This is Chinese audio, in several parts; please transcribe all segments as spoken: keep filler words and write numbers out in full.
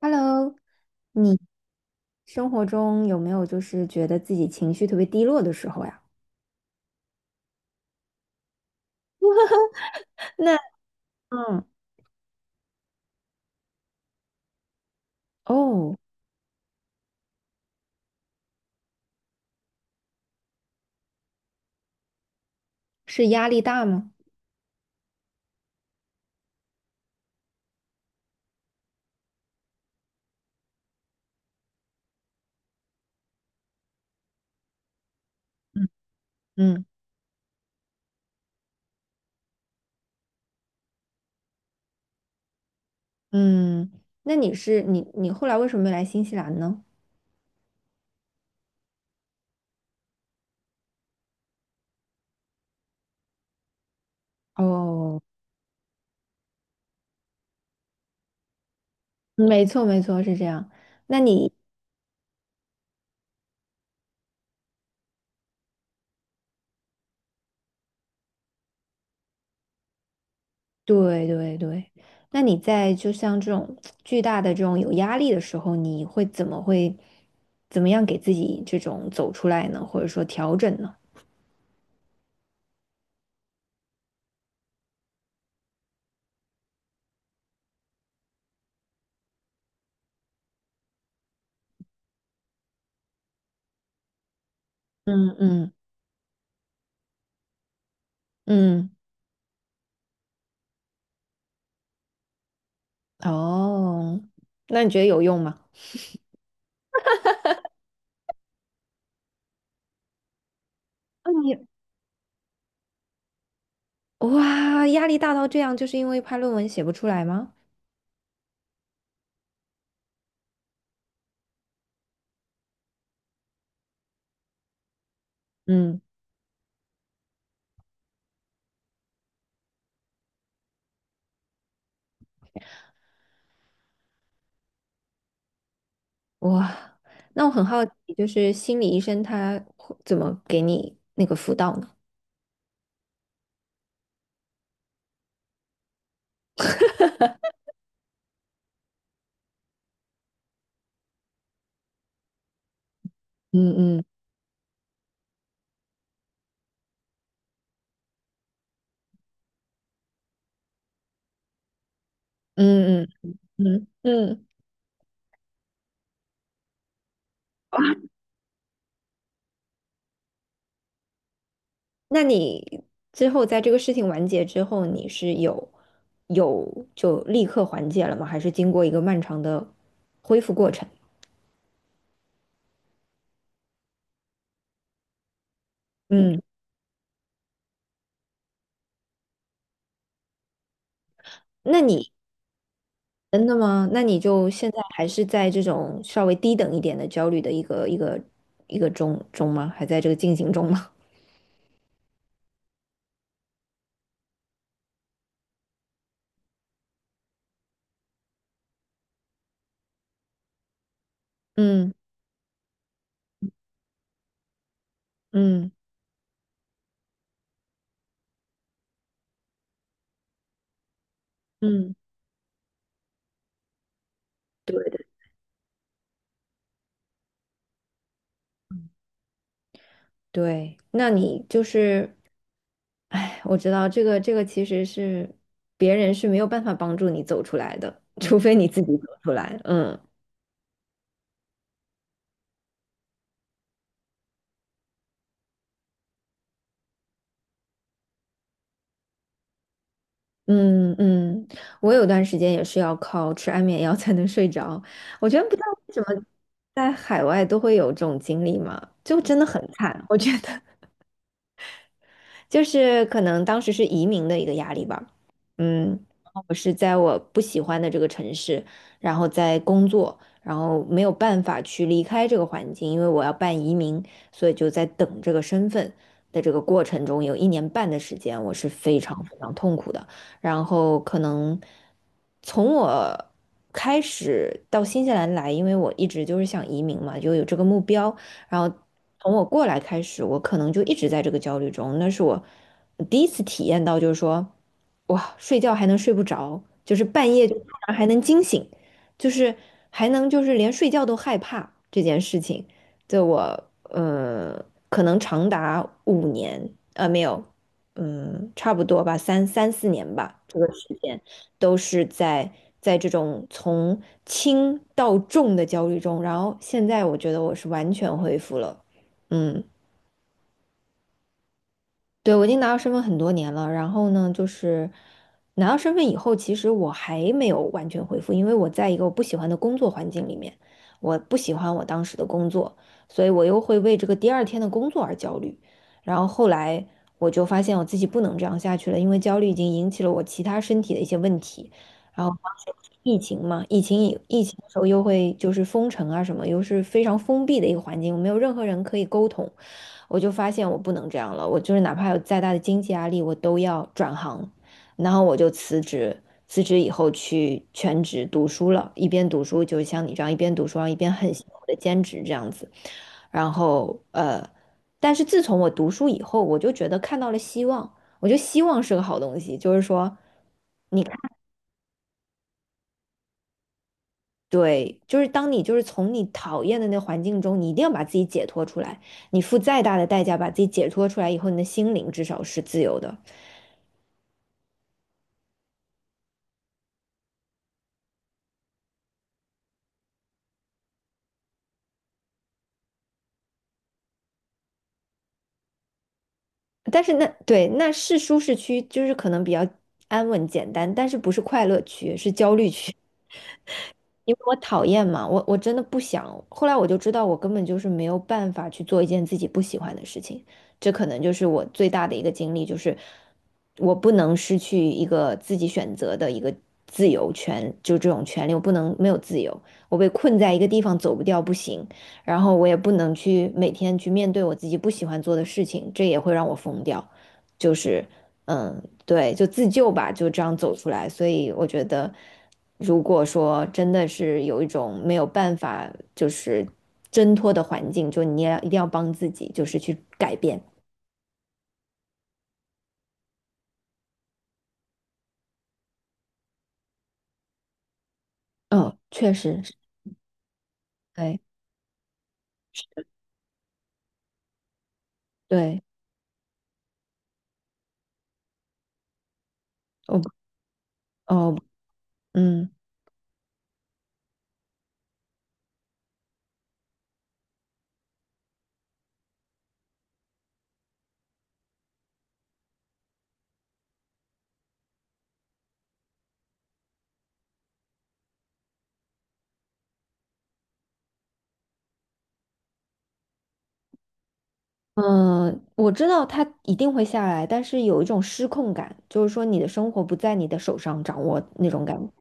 Hello，你生活中有没有就是觉得自己情绪特别低落的时候呀？嗯哦，是压力大吗？嗯嗯嗯，那你是你你后来为什么没来新西兰呢？哦，没错没错，是这样。那你对对对，那你在就像这种巨大的这种有压力的时候，你会怎么会怎么样给自己这种走出来呢？或者说调整呢？嗯嗯嗯。哦，那你觉得有用吗？那你哇，压力大到这样，就是因为怕论文写不出来吗？嗯，哇，那我很好奇，就是心理医生他会怎么给你那个辅导呢？嗯嗯嗯嗯嗯，嗯，那你之后在这个事情完结之后，你是有有就立刻缓解了吗？还是经过一个漫长的恢复过程？嗯嗯，那你真的吗？那你就现在还是在这种稍微低等一点的焦虑的一个一个一个中中吗？还在这个进行中吗？嗯嗯嗯，对对对，那你就是，哎，我知道这个这个其实是别人是没有办法帮助你走出来的，除非你自己走出来。嗯嗯嗯，我有段时间也是要靠吃安眠药才能睡着。我觉得不知道为什么在海外都会有这种经历嘛，就真的很惨。我觉得就是可能当时是移民的一个压力吧。嗯，然后我是在我不喜欢的这个城市，然后在工作，然后没有办法去离开这个环境，因为我要办移民，所以就在等这个身份的这个过程中，有一年半的时间，我是非常非常痛苦的。然后可能从我开始到新西兰来，因为我一直就是想移民嘛，就有这个目标。然后从我过来开始，我可能就一直在这个焦虑中。那是我第一次体验到，就是说，哇，睡觉还能睡不着，就是半夜就突然还能惊醒，就是还能就是连睡觉都害怕这件事情。对我，呃，可能长达五年，呃，没有。嗯，差不多吧，三三四年吧，这个时间都是在在这种从轻到重的焦虑中，然后现在我觉得我是完全恢复了，嗯。对，我已经拿到身份很多年了，然后呢，就是拿到身份以后，其实我还没有完全恢复，因为我在一个我不喜欢的工作环境里面，我不喜欢我当时的工作，所以我又会为这个第二天的工作而焦虑。然后后来我就发现我自己不能这样下去了，因为焦虑已经引起了我其他身体的一些问题。然后当时不是疫情嘛，疫情以疫情的时候又会就是封城啊什么，又是非常封闭的一个环境，没有任何人可以沟通。我就发现我不能这样了，我就是哪怕有再大的经济压力，我都要转行，然后我就辞职，辞职以后去全职读书了，一边读书就是像你这样一边读书，然后一边很辛苦的兼职这样子，然后呃，但是自从我读书以后，我就觉得看到了希望，我觉得希望是个好东西，就是说。对，就是当你就是从你讨厌的那环境中，你一定要把自己解脱出来。你付再大的代价把自己解脱出来以后，你的心灵至少是自由的。但是那对那是舒适区，就是可能比较安稳简单，但是不是快乐区，是焦虑区。因为我讨厌嘛，我我真的不想。后来我就知道，我根本就是没有办法去做一件自己不喜欢的事情。这可能就是我最大的一个经历，就是我不能失去一个自己选择的一个自由权，就这种权利，我不能没有自由。我被困在一个地方走不掉不行，然后我也不能去每天去面对我自己不喜欢做的事情，这也会让我疯掉。就是。嗯，对，就自救吧，就这样走出来。所以我觉得，如果说真的是有一种没有办法就是挣脱的环境，就你也一定要帮自己，就是去改变。嗯，确实是，对对，哦哦，嗯嗯，我知道他一定会下来，但是有一种失控感，就是说你的生活不在你的手上掌握那种感觉。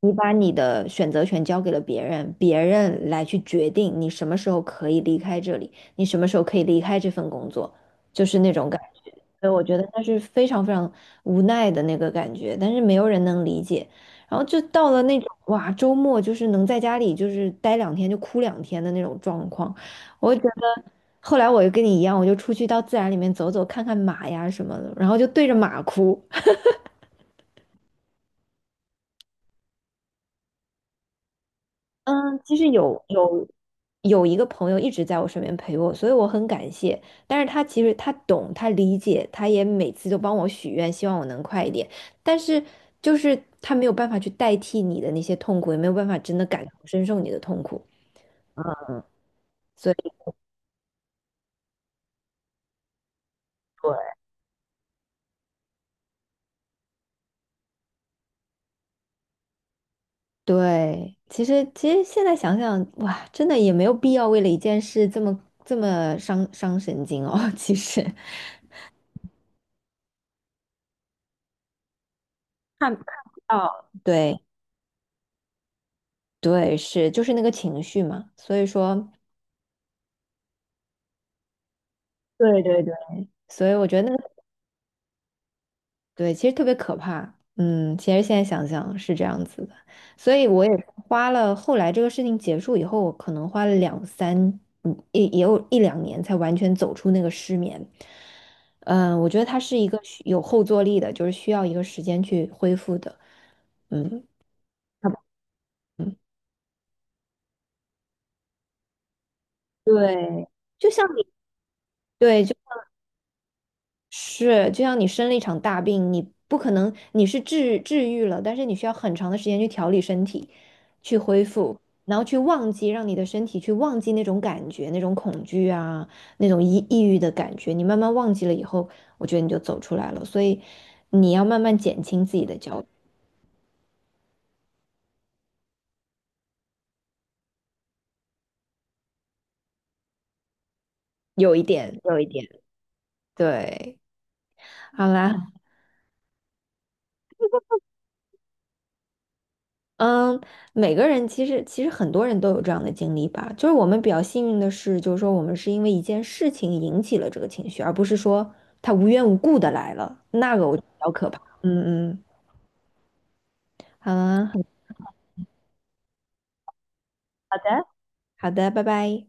你把你的选择权交给了别人，别人来去决定你什么时候可以离开这里，你什么时候可以离开这份工作，就是那种感觉。所以我觉得那是非常非常无奈的那个感觉，但是没有人能理解。然后就到了那种哇，周末就是能在家里就是待两天就哭两天的那种状况，我就觉得。后来我就跟你一样，我就出去到自然里面走走，看看马呀什么的，然后就对着马哭。嗯，其实有有有一个朋友一直在我身边陪我，所以我很感谢。但是他其实他懂，他理解，他也每次都帮我许愿，希望我能快一点。但是就是他没有办法去代替你的那些痛苦，也没有办法真的感同身受你的痛苦。所以对，其实其实现在想想，哇，真的也没有必要为了一件事这么这么伤伤神经哦。其实看看不到，对对，是就是那个情绪嘛，所以说。对对对，所以我觉得那个对，其实特别可怕。嗯，其实现在想想是这样子的，所以我也花了后来这个事情结束以后，我可能花了两三，嗯，也也有一两年才完全走出那个失眠。嗯，我觉得它是一个需有后坐力的，就是需要一个时间去恢复的。嗯嗯，它对。就像你。对是，就像你生了一场大病，你不可能你是治治愈了，但是你需要很长的时间去调理身体，去恢复，然后去忘记，让你的身体去忘记那种感觉、那种恐惧啊、那种抑抑郁的感觉。你慢慢忘记了以后，我觉得你就走出来了。所以你要慢慢减轻自己的焦虑，有一点，有一点，对。好啦，嗯，每个人其实其实很多人都有这样的经历吧，就是我们比较幸运的是，就是说我们是因为一件事情引起了这个情绪，而不是说他无缘无故的来了，那个我觉得比较可怕。嗯嗯，好啊，好的，好的，拜拜。